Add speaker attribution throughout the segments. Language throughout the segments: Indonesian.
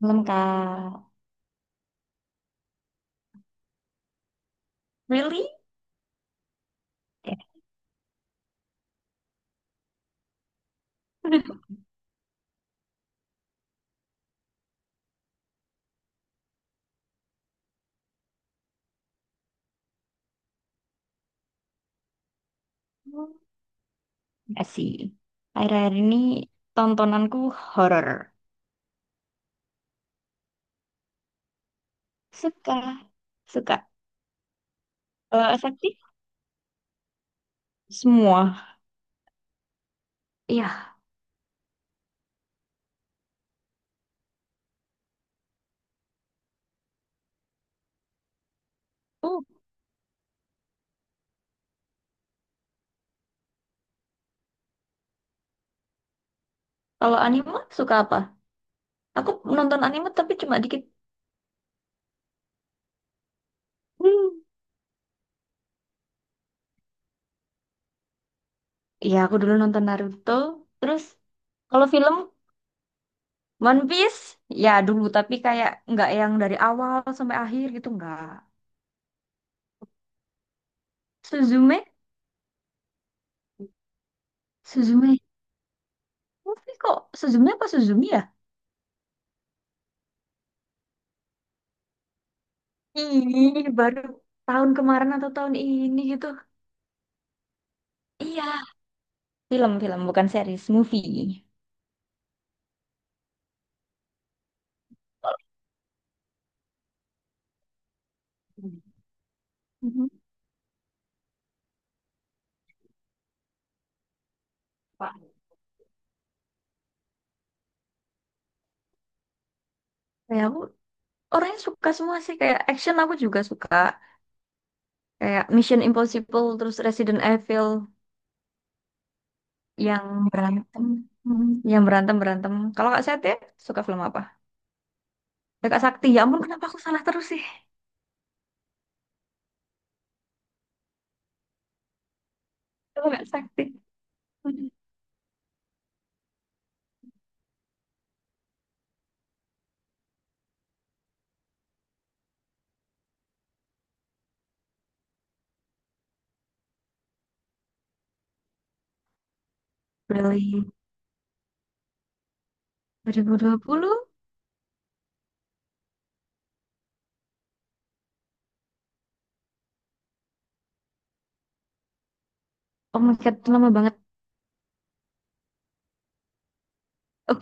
Speaker 1: Belum, Kak. Really? Ya, nggak sih. Akhir-akhir ini tontonanku horor. Suka, suka. Kalau efektif semua. Iya. Oh, kalau anime suka apa? Aku nonton anime tapi cuma dikit. Hmm. Iya, aku dulu nonton Naruto. Terus kalau film One Piece, ya dulu. Tapi kayak nggak yang dari awal sampai akhir gitu, nggak. Suzume? Suzume? Tapi kok Suzumi apa Suzumi ya? Ih, baru tahun kemarin atau tahun ini gitu. Iya, film-film bukan series, movie. Mhm. Pak. Kayak aku orangnya suka semua sih, kayak action aku juga suka, kayak Mission Impossible, terus Resident Evil yang berantem. Yang berantem berantem, kalau Kak Seth ya, suka film apa ya, Kak Sakti, ya ampun kenapa aku salah terus sih? Kalau Kak Sakti, aduh, Brilli, 2020, oh my god, lama banget. Oh.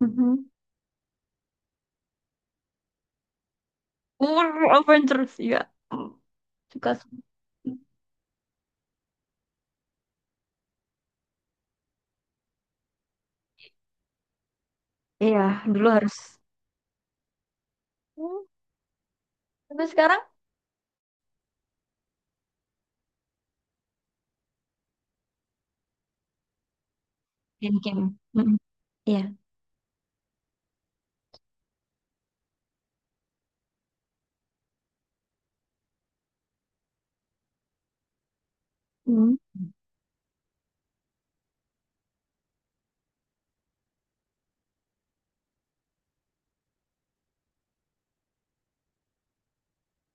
Speaker 1: Mhm. Avengers ya. Mm, Suka, suka. Iya, dulu harus. Mm, Tapi sekarang game-game. Mm, Iya. Mm.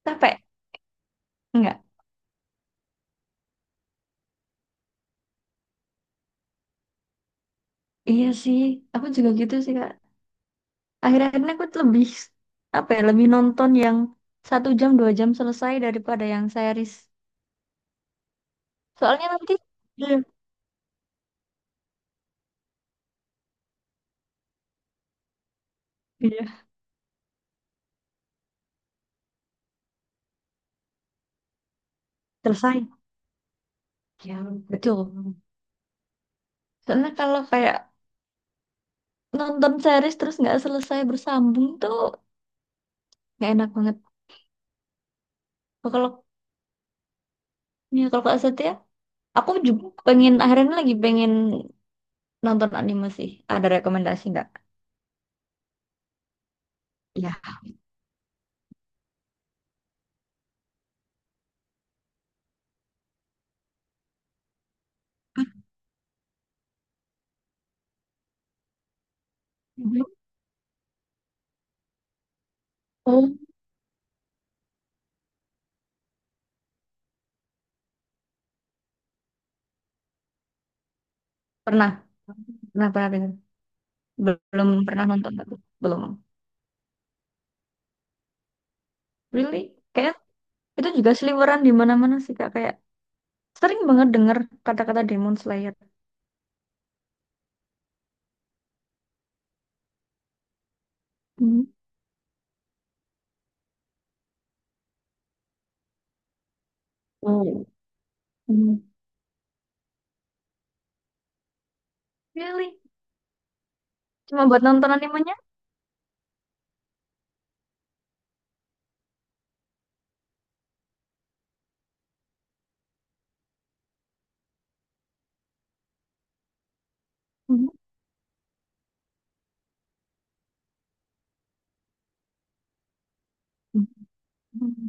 Speaker 1: Capek? Enggak. Iya sih, aku juga gitu sih, Kak. Akhir-akhirnya aku tuh lebih, apa ya, lebih nonton yang 1 jam, 2 jam selesai daripada yang series. Soalnya nanti, iya, iya, selesai. Ya, betul. Soalnya kalau kayak nonton series terus nggak selesai bersambung tuh nggak enak banget. Kalau ya, kalau Kak Setia, aku juga pengen akhirnya lagi pengen nonton anime sih. Ada rekomendasi nggak? Iya. Belum. Oh, pernah. Pernah dengar. Belum pernah nonton, tapi belum. Really? Kayak itu juga seliweran di mana-mana sih, Kak. Kayak sering banget denger kata-kata Demon Slayer. Hmm. Oh. Hmm. Really? Cuma buat nonton animenya? Hmm. Hmm.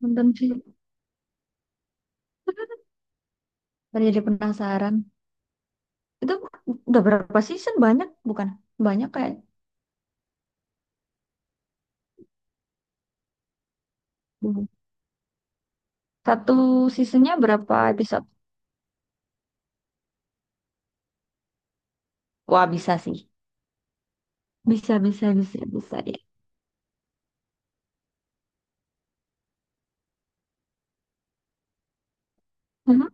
Speaker 1: Nonton sih. Baru jadi penasaran. Itu udah berapa season? Banyak bukan? Banyak kayak. Hmm. Satu seasonnya berapa episode? Wah, bisa sih. Bisa, bisa, bisa, bisa deh. Mhm.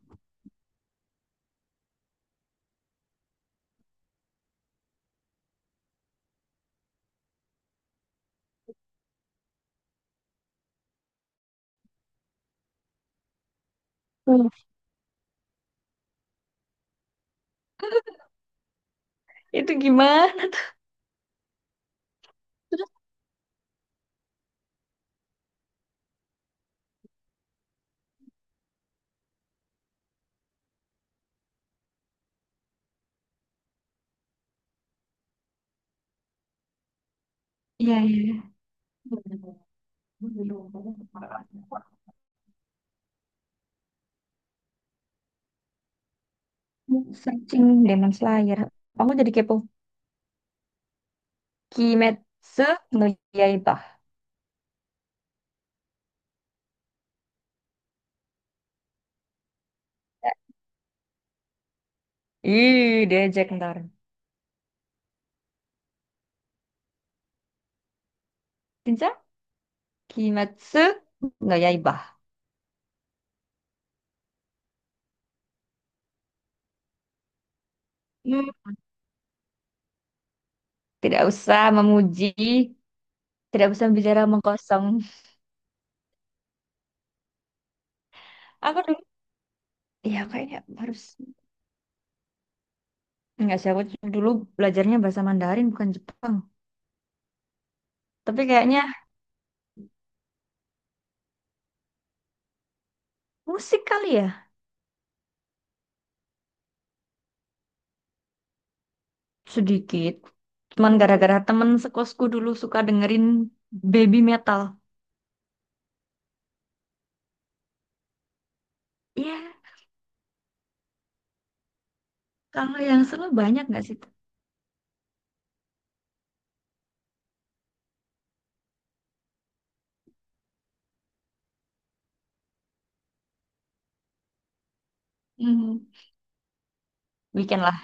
Speaker 1: Hmm. Itu gimana? Iya, iya. Searching Demon Slayer. Aku jadi kepo. Kimetsu no Yaiba. Ih, diajak ntar. Cinca? Kimetsu no Yaiba. Hmm. Tidak usah memuji, tidak usah bicara mengkosong. Aku dulu, ya kayaknya harus. Enggak sih, aku dulu belajarnya bahasa Mandarin bukan Jepang. Tapi kayaknya musik kali ya, sedikit. Cuman gara-gara temen sekosku dulu suka dengerin baby metal. Iya, kalau yang seru banyak nggak sih? Hmm, Weekend lah.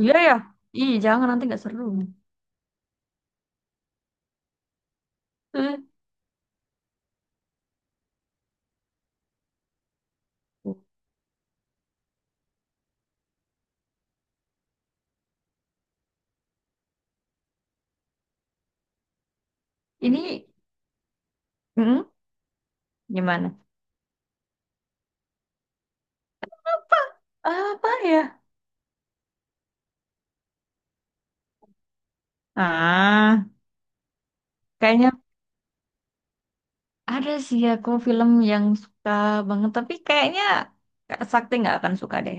Speaker 1: Iya ya, iya jangan nanti nggak seru. Eh, ini hmm, gimana? Apa ya? Ah, kayaknya ada sih aku film yang suka banget, tapi kayaknya Kak Sakti nggak akan suka deh.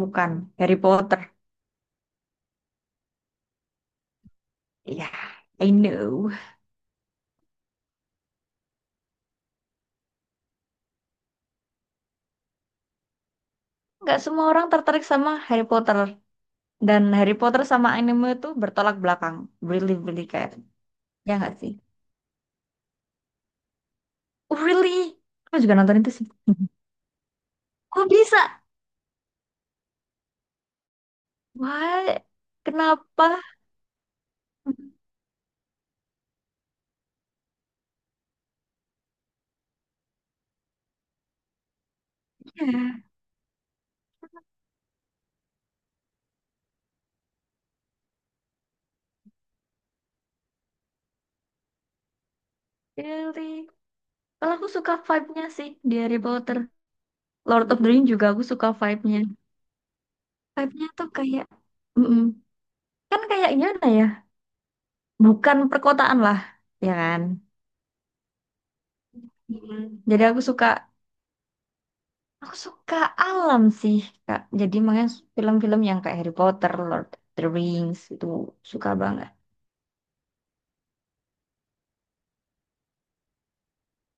Speaker 1: Bukan Harry Potter. Ya, I know. Nggak semua orang tertarik sama Harry Potter. Dan Harry Potter sama anime itu bertolak belakang. Really, really kayak. Ya nggak sih? Oh, really? Aku juga nonton itu sih. Kok bisa? Why? Kenapa? Ya, really. Kalau aku suka vibe-nya sih di Harry Potter. Lord of the Rings juga aku suka vibe-nya. Vibe-nya tuh kayak mm-mm. Kan kayak gimana ya? Bukan perkotaan lah. Ya kan? Mm. Jadi aku suka alam sih, Kak. Jadi makanya film-film yang kayak Harry Potter, Lord of the Rings itu suka banget.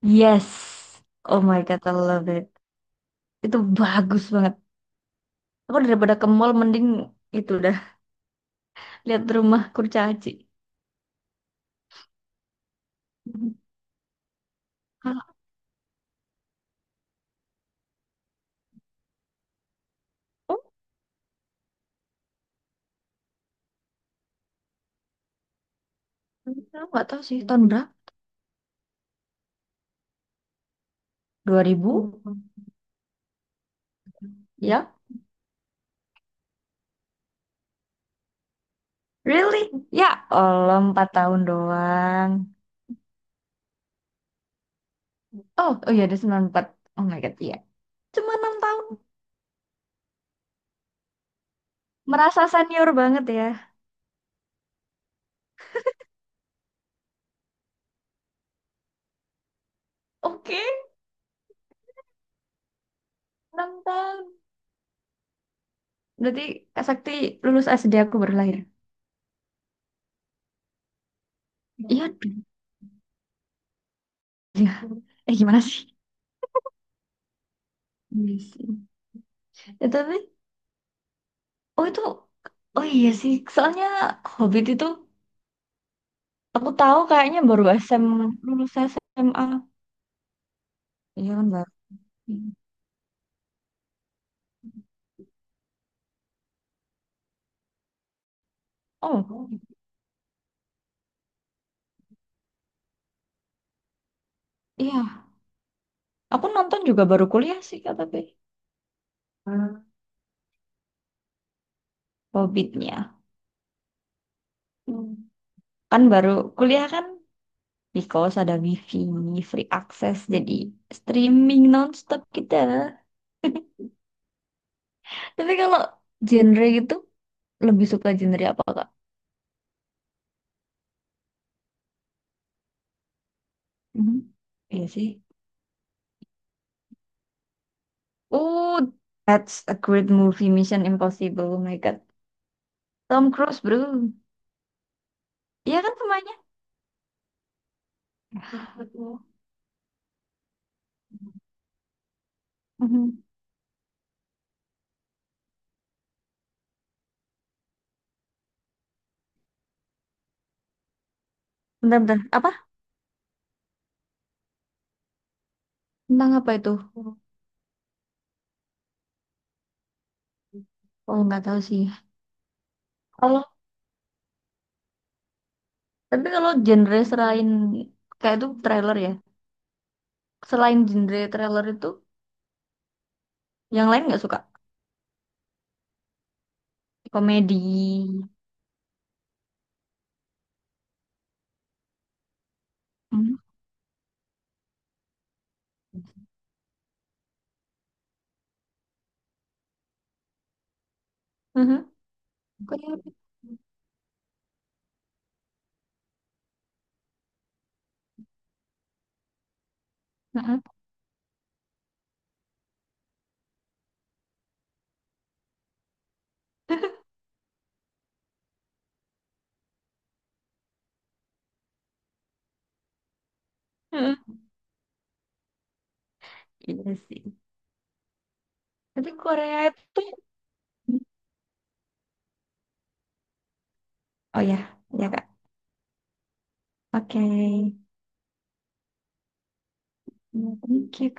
Speaker 1: Yes. Oh my God, I love it. Itu bagus banget. Aku daripada ke mall mending itu dah lihat rumah kurcaci. Hah? Oh, aku nggak tahu sih tahun berapa. 2000. Ya? Really? Ya Allah, 4 tahun doang. Oh, oh iya, ada 94. Oh my God, iya. Cuma 6 tahun. Merasa senior banget ya. Oke, 6 tahun. Berarti Kak Sakti lulus SD aku baru lahir. Iya, dong. Iya. Eh gimana sih? Iya sih. Ya, tapi, oh itu, oh iya sih. Soalnya Hobbit itu aku tahu kayaknya baru lulus SMA. Iya kan baru. Oh iya, aku nonton juga baru kuliah sih, Kak, tapi Hobbitnya. Kan baru kuliah kan, because ada wifi, free access, jadi streaming nonstop kita. Tapi kalau genre gitu, lebih suka genre apa, Kak? Mhm. Iya sih. Oh, that's a great movie, Mission Impossible. Oh my God. Tom Cruise, bro. Iya kan semuanya? Mhm. Bentar-bentar. Apa? Tentang apa itu? Oh, nggak tahu sih. Kalau, tapi kalau genre selain kayak itu trailer ya. Selain genre trailer itu, yang lain nggak suka? Komedi. Mhm. Mhm. Korea. Mhm. Mhm. Iya sih. Tapi Korea itu, oh ya, ya Kak. Oke, ini kita